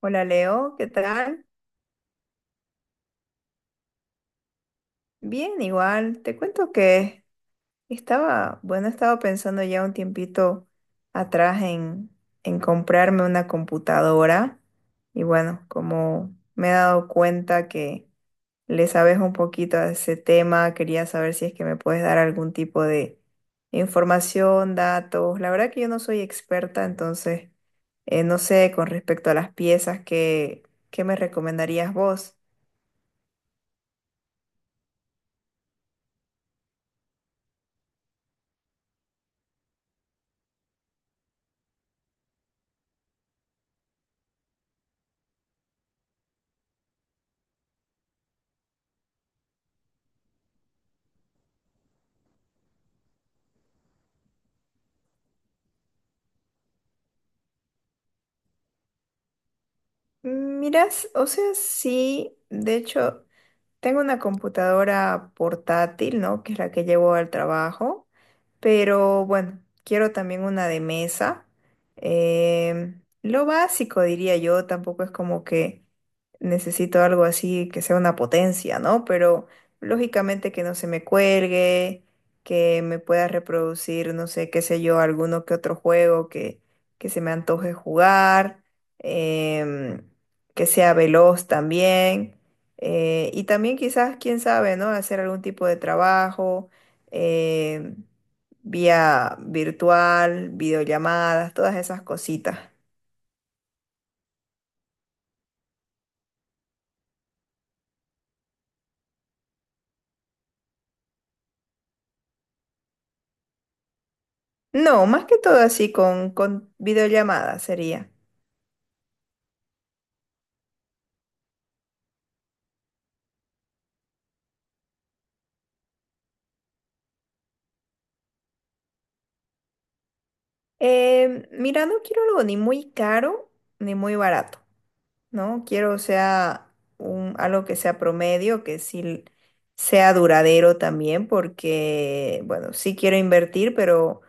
Hola Leo, ¿qué tal? Bien, igual. Te cuento que estaba, estaba pensando ya un tiempito atrás en comprarme una computadora y como me he dado cuenta que le sabes un poquito a ese tema, quería saber si es que me puedes dar algún tipo de información, datos. La verdad que yo no soy experta, entonces no sé con respecto a las piezas, ¿qué me recomendarías vos? Miras, o sea, sí, de hecho, tengo una computadora portátil, ¿no? Que es la que llevo al trabajo. Pero bueno, quiero también una de mesa. Lo básico, diría yo, tampoco es como que necesito algo así que sea una potencia, ¿no? Pero lógicamente que no se me cuelgue, que me pueda reproducir, no sé, qué sé yo, alguno que otro juego que se me antoje jugar, em, que sea veloz también. Y también quizás, quién sabe, ¿no? Hacer algún tipo de trabajo. em, Vía virtual, videollamadas, todas esas cositas. No, más que todo así con videollamadas sería. Mira, no quiero algo ni muy caro ni muy barato, ¿no? Quiero, o sea, algo que sea promedio, que sí sea duradero también, porque, bueno, sí quiero invertir, pero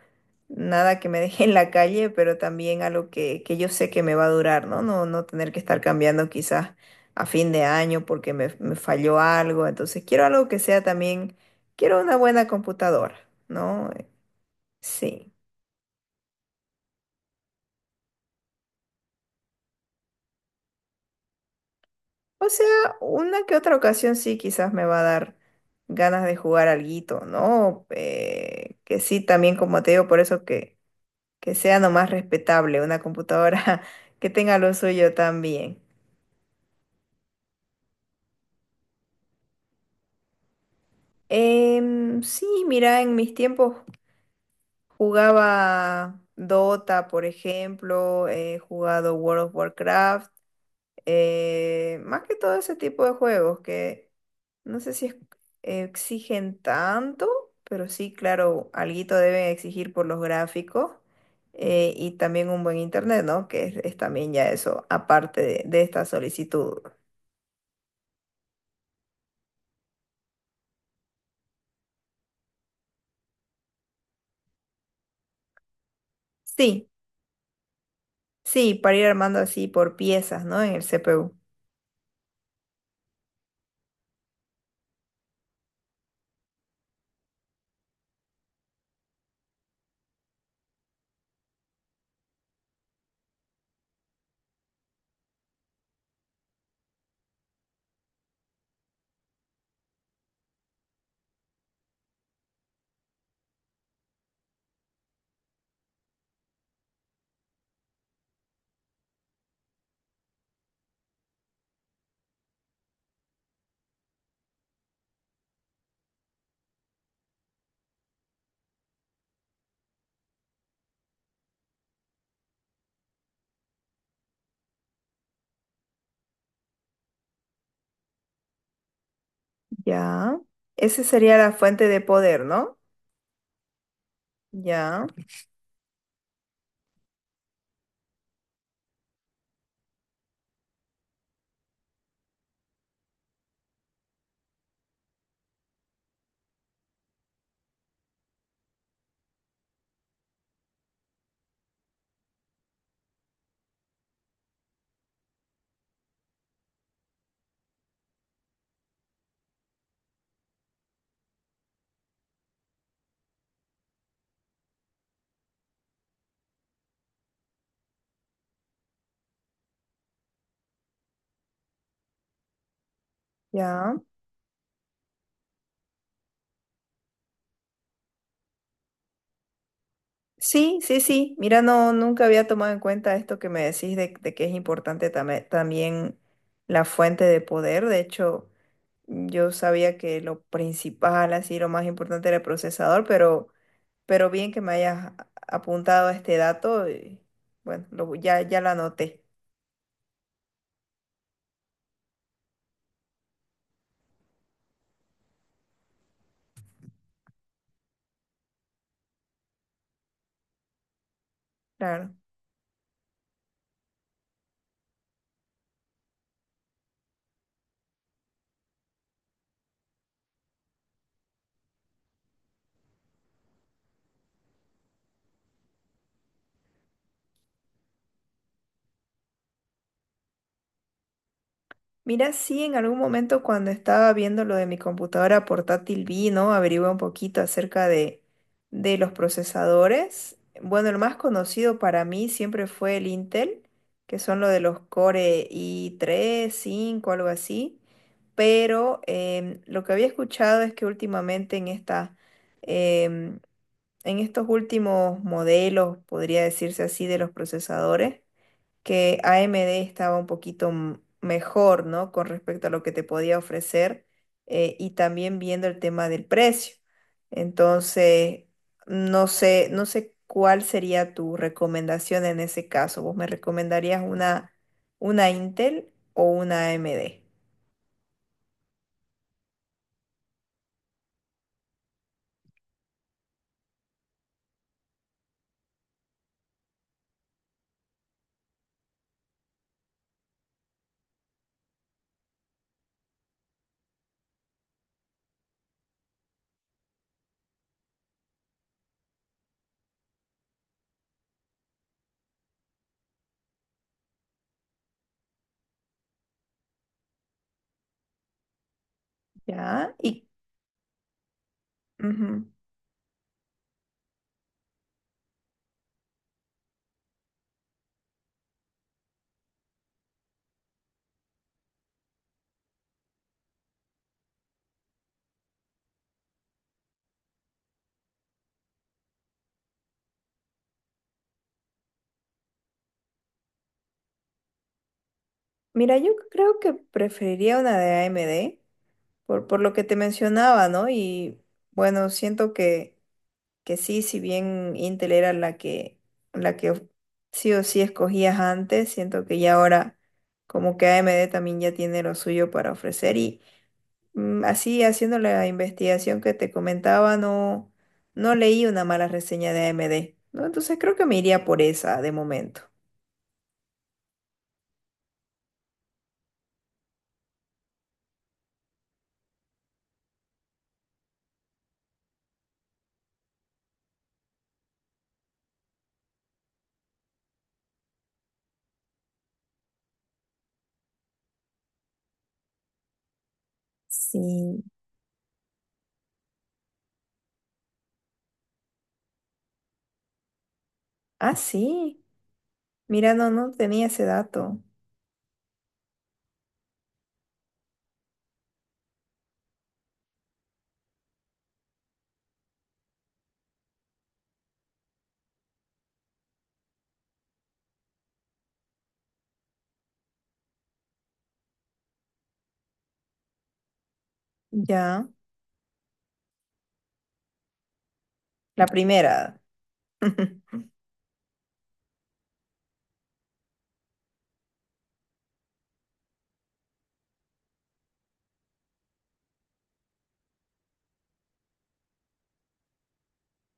nada que me deje en la calle, pero también algo que yo sé que me va a durar, ¿no? No tener que estar cambiando quizás a fin de año porque me falló algo. Entonces quiero algo que sea también, quiero una buena computadora, ¿no? Sí. O sea, una que otra ocasión sí quizás me va a dar ganas de jugar alguito, ¿no? Que sí, también como te digo, por eso que sea nomás respetable una computadora que tenga lo suyo también. Sí, mira, en mis tiempos jugaba Dota, por ejemplo, he jugado World of Warcraft, más que todo ese tipo de juegos que no sé si es- exigen tanto, pero sí, claro, alguito deben exigir por los gráficos y también un buen internet, ¿no? Que es también ya eso, aparte de esta solicitud. Sí, sí, para ir armando así por piezas, ¿no? En el CPU. Ya. Esa sería la fuente de poder, ¿no? Ya, ya. Sí, sí, sí. Mira, no, nunca había tomado en cuenta esto que me decís de que es importante tame- también la fuente de poder. De hecho, yo sabía que lo principal, así, lo más importante era el procesador, pero bien que me hayas a- apuntado a este dato. Y, bueno, ya lo anoté. Claro. Mira, sí, en algún momento cuando estaba viendo lo de mi computadora portátil vi, ¿no? Averigué un poquito acerca de los procesadores. Bueno, el más conocido para mí siempre fue el Intel, que son lo de los Core i tres, cinco, algo así. Pero lo que había escuchado es que últimamente en em, en estos últimos modelos, podría decirse así, de los procesadores, que AMD estaba un poquito m- mejor, ¿no? Con respecto a lo que te podía ofrecer y también viendo el tema del precio. Entonces, no sé, no sé cuál sería tu recomendación en ese caso. ¿Vos me recomendarías una Intel o una AMD? ¿Ya? Y, ujú. Mira, yo creo que preferiría una de AMD por lo que te mencionaba, ¿no? Y bueno, siento que sí, si bien Intel era la que sí o sí escogías antes, siento que ya ahora como que AMD también ya tiene lo suyo para ofrecer y mm, así haciendo la investigación que te comentaba, no, no leí una mala reseña de AMD, ¿no? Entonces creo que me iría por esa de momento. Sí. Ah, sí. Mira, no, no tenía ese dato. Ya. La primera.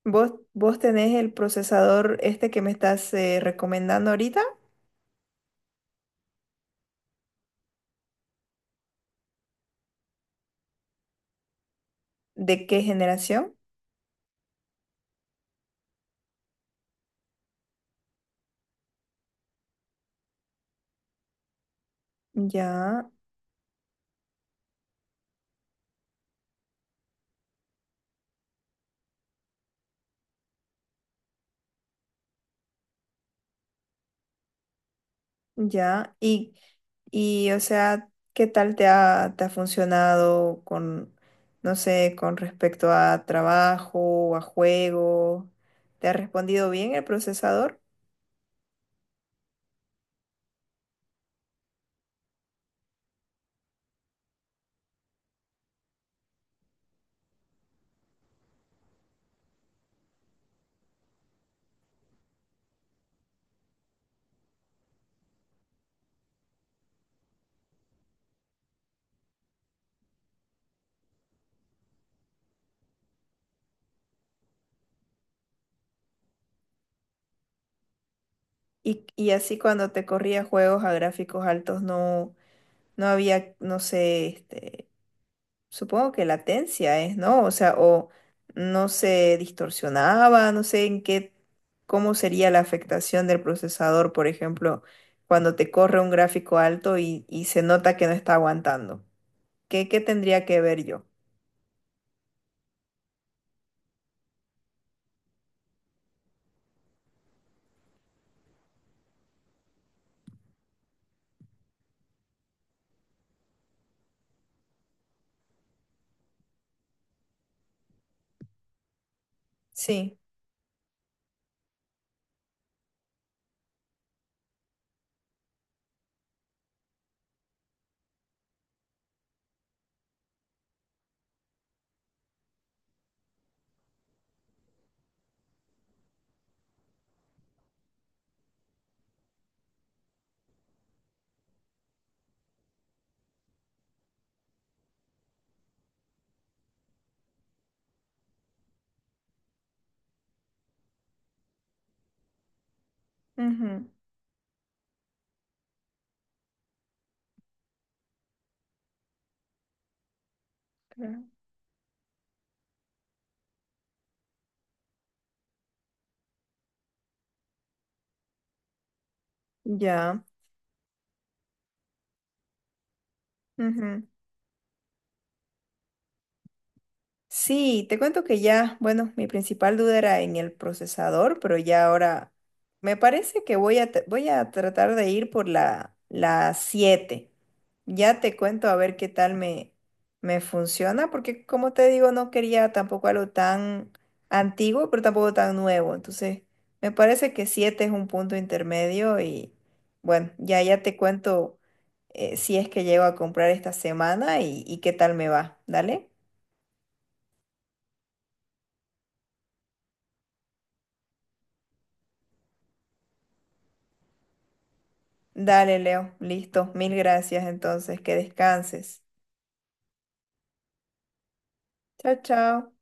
¿Vos tenés el procesador este que me estás recomendando ahorita? ¿De qué generación? Ya, ya. Y o sea, ¿qué tal te ha funcionado con, no sé, con respecto a trabajo, o a juego? ¿Te ha respondido bien el procesador? Y así cuando te corría juegos a gráficos altos no, no había, no sé, este, supongo que latencia es, ¿no? O sea, o no se distorsionaba, no sé en qué, cómo sería la afectación del procesador, por ejemplo, cuando te corre un gráfico alto y se nota que no está aguantando. ¿Qué, qué tendría que ver yo? Sí, ujú, claro. Ya. Sí, te cuento que ya, bueno, mi principal duda era en el procesador, pero ya ahora me parece que voy a, voy a tratar de ir por la 7. Ya te cuento a ver qué tal me funciona, porque como te digo, no quería tampoco algo tan antiguo, pero tampoco tan nuevo. Entonces, me parece que 7 es un punto intermedio y bueno, ya te cuento si es que llego a comprar esta semana y qué tal me va. Dale. Dale, Leo. Listo. Mil gracias entonces. Que descanses. Chao, chao.